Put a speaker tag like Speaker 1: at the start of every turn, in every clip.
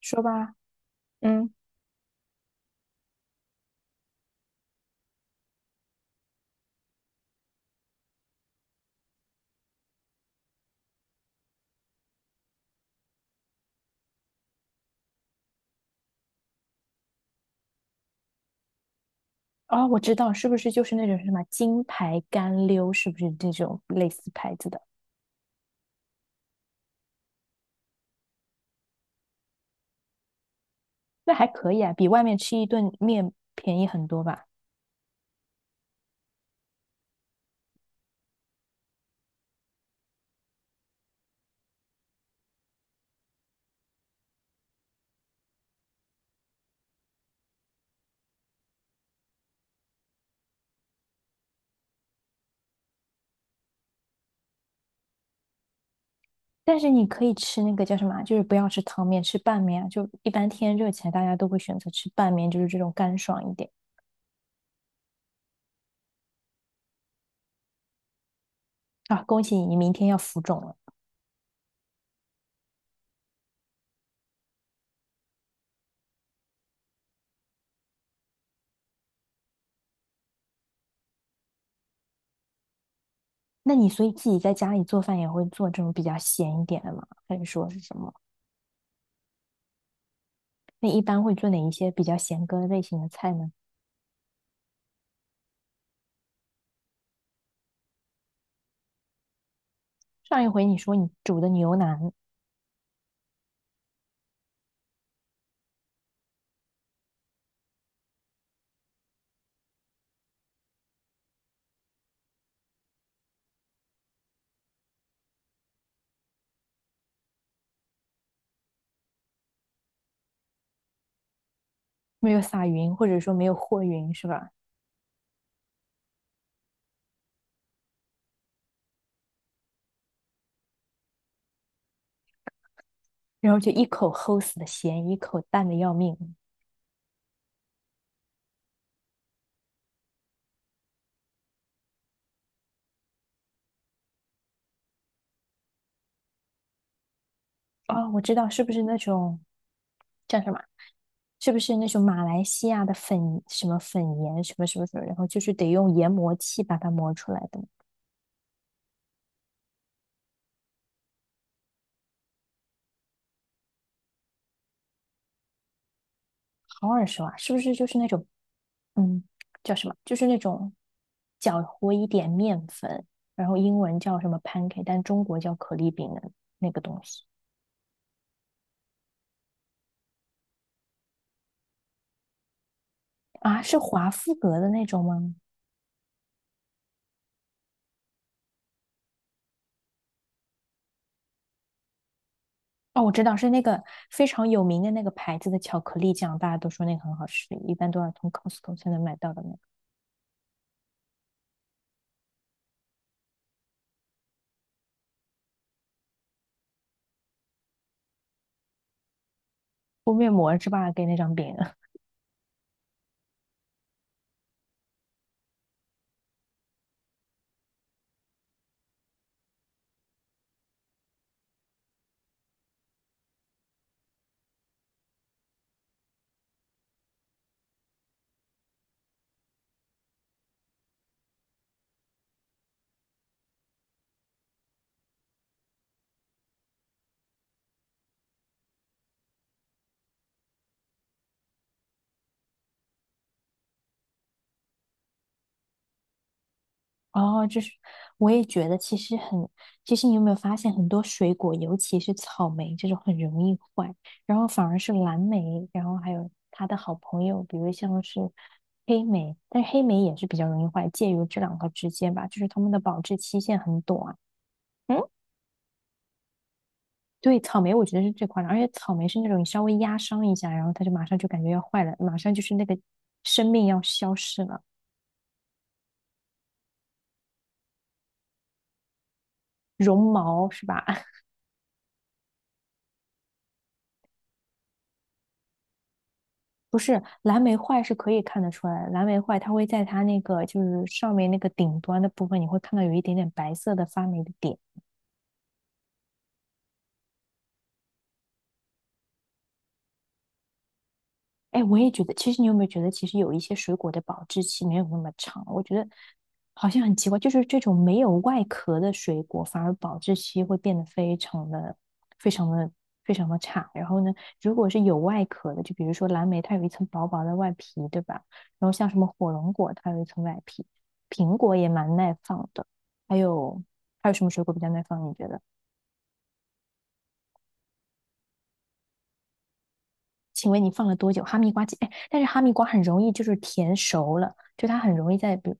Speaker 1: 说吧。嗯，哦，我知道，是不是就是那种什么金牌干溜，是不是这种类似牌子的？那还可以啊，比外面吃一顿面便宜很多吧。但是你可以吃那个叫什么啊，就是不要吃汤面，吃拌面啊。就一般天热起来，大家都会选择吃拌面，就是这种干爽一点啊。恭喜你，你明天要浮肿了。那你所以自己在家里做饭也会做这种比较咸一点的吗？还是说是什么？那一般会做哪一些比较咸鸽类型的菜呢？上一回你说你煮的牛腩。没有撒匀，或者说没有和匀，是吧？然后就一口齁死的咸，一口淡的要命。啊！我知道，是不是那种叫什么？是不是那种马来西亚的粉什么粉盐什么什么什么？然后就是得用研磨器把它磨出来的。好耳熟啊！是不是就是那种，嗯，叫什么？就是那种搅和一点面粉，然后英文叫什么 pancake，但中国叫可丽饼的那个东西。啊？是华夫格的那种吗？哦，我知道是那个非常有名的那个牌子的巧克力酱，大家都说那个很好吃，一般都要从 Costco 才能买到的那个。敷面膜是吧？给那张饼。哦，就是我也觉得其实很，其实你有没有发现很多水果，尤其是草莓这种很容易坏，然后反而是蓝莓，然后还有他的好朋友，比如像是黑莓，但是黑莓也是比较容易坏，介于这两个之间吧，就是它们的保质期限很短。嗯。对，草莓我觉得是最夸张，而且草莓是那种你稍微压伤一下，然后它就马上就感觉要坏了，马上就是那个生命要消失了。绒毛是吧？不是，蓝莓坏是可以看得出来的，蓝莓坏它会在它那个就是上面那个顶端的部分，你会看到有一点点白色的发霉的点。哎，我也觉得，其实你有没有觉得，其实有一些水果的保质期没有那么长？我觉得好像很奇怪，就是这种没有外壳的水果，反而保质期会变得非常的、非常的、非常的差。然后呢，如果是有外壳的，就比如说蓝莓，它有一层薄薄的外皮，对吧？然后像什么火龙果，它有一层外皮，苹果也蛮耐放的。还有什么水果比较耐放？你觉得？请问你放了多久？哈密瓜，哎，但是哈密瓜很容易就是甜熟了。就它很容易在，比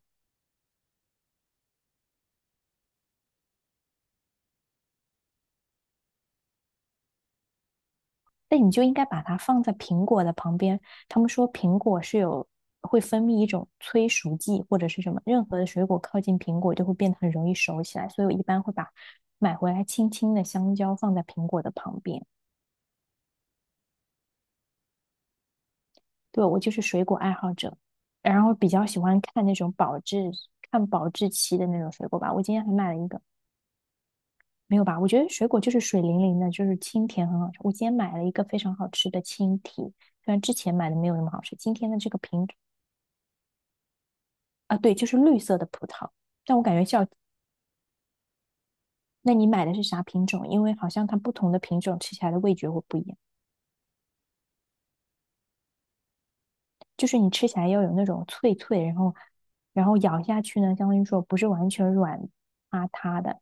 Speaker 1: 那你就应该把它放在苹果的旁边。他们说苹果是有会分泌一种催熟剂或者是什么，任何的水果靠近苹果就会变得很容易熟起来，所以我一般会把买回来青青的香蕉放在苹果的旁边。对，我就是水果爱好者，然后比较喜欢看那种保质看保质期的那种水果吧。我今天还买了一个。没有吧？我觉得水果就是水灵灵的，就是清甜很好吃。我今天买了一个非常好吃的青提，虽然之前买的没有那么好吃，今天的这个品啊，对，就是绿色的葡萄。但我感觉像，那你买的是啥品种？因为好像它不同的品种吃起来的味觉会不一样，就是你吃起来要有那种脆脆，然后咬下去呢，相当于说不是完全软塌塌的。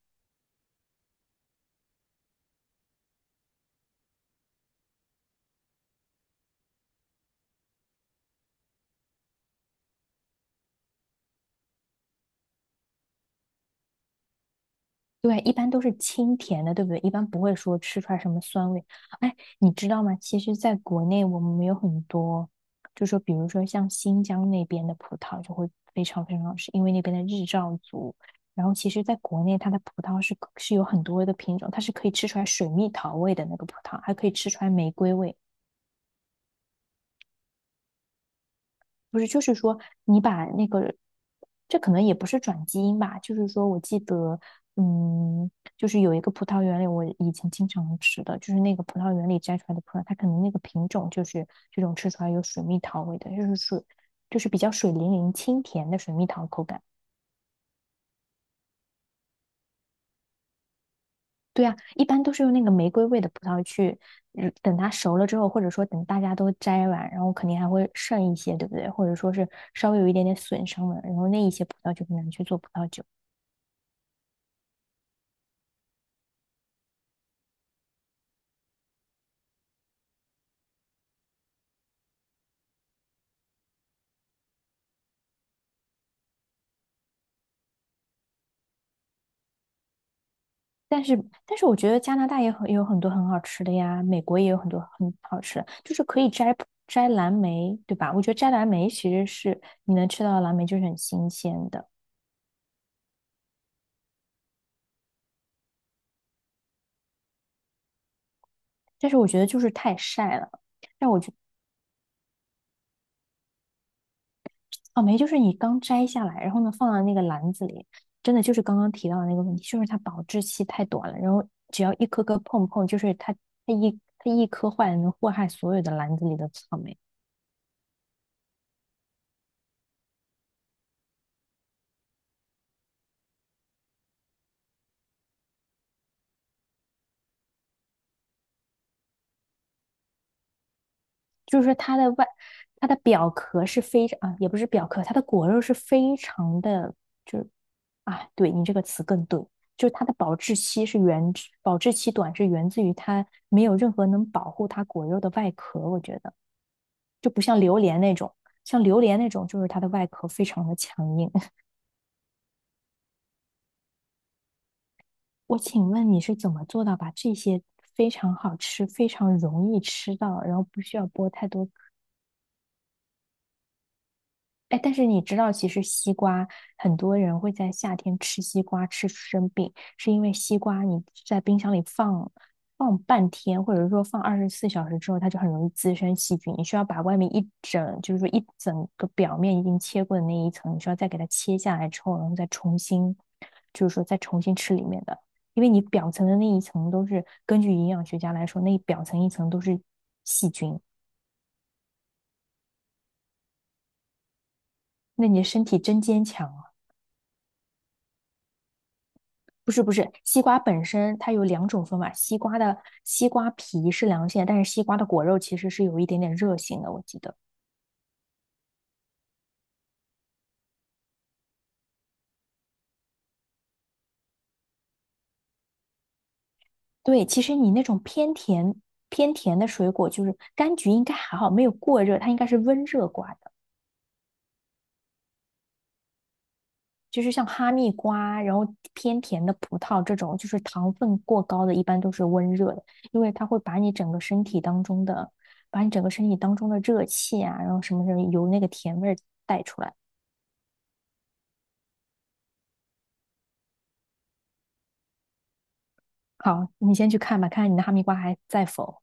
Speaker 1: 对啊，一般都是清甜的，对不对？一般不会说吃出来什么酸味。哎，你知道吗？其实，在国内我们有很多，就说比如说像新疆那边的葡萄就会非常非常好吃，因为那边的日照足。然后，其实在国内它的葡萄是有很多的品种，它是可以吃出来水蜜桃味的那个葡萄，还可以吃出来玫瑰味。不是，就是说你把那个，这可能也不是转基因吧，就是说我记得，嗯，就是有一个葡萄园里，我以前经常吃的，就是那个葡萄园里摘出来的葡萄，它可能那个品种就是这种吃出来有水蜜桃味的，就是水，就是比较水灵灵、清甜的水蜜桃口感。对啊，一般都是用那个玫瑰味的葡萄去，嗯，等它熟了之后，或者说等大家都摘完，然后肯定还会剩一些，对不对？或者说是稍微有一点点损伤的，然后那一些葡萄就可以拿去做葡萄酒。但是，但是我觉得加拿大也很有很多很好吃的呀，美国也有很多很好吃的，就是可以摘蓝莓，对吧？我觉得摘蓝莓其实是你能吃到的蓝莓就是很新鲜的，但是我觉得就是太晒了。草莓就是你刚摘下来，然后呢放到那个篮子里，真的就是刚刚提到的那个问题，就是它保质期太短了，然后只要一颗颗碰碰，就是它一它颗坏了能祸害所有的篮子里的草莓。就是它的外，它的表壳是非常啊，也不是表壳，它的果肉是非常的，就是啊，对你这个词更对，就是它的保质期是源自，保质期短是源自于它没有任何能保护它果肉的外壳，我觉得就不像榴莲那种，像榴莲那种就是它的外壳非常的强硬。我请问你是怎么做到把这些非常好吃、非常容易吃到，然后不需要剥太多。哎，但是你知道，其实西瓜很多人会在夏天吃西瓜吃生病，是因为西瓜你在冰箱里放半天，或者说放24小时之后，它就很容易滋生细菌。你需要把外面一整，就是说一整个表面已经切过的那一层，你需要再给它切下来之后，然后再重新，就是说再重新吃里面的，因为你表层的那一层都是根据营养学家来说，那一表层一层都是细菌。那你的身体真坚强啊！不是不是，西瓜本身它有两种分法，西瓜的皮是凉性的，但是西瓜的果肉其实是有一点点热性的，我记得。对，其实你那种偏甜的水果，就是柑橘应该还好，没有过热，它应该是温热瓜的，就是像哈密瓜，然后偏甜的葡萄这种，就是糖分过高的，一般都是温热的，因为它会把你整个身体当中的，把你整个身体当中的热气啊，然后什么什么由那个甜味儿带出来。好，你先去看吧，看看你的哈密瓜还在否。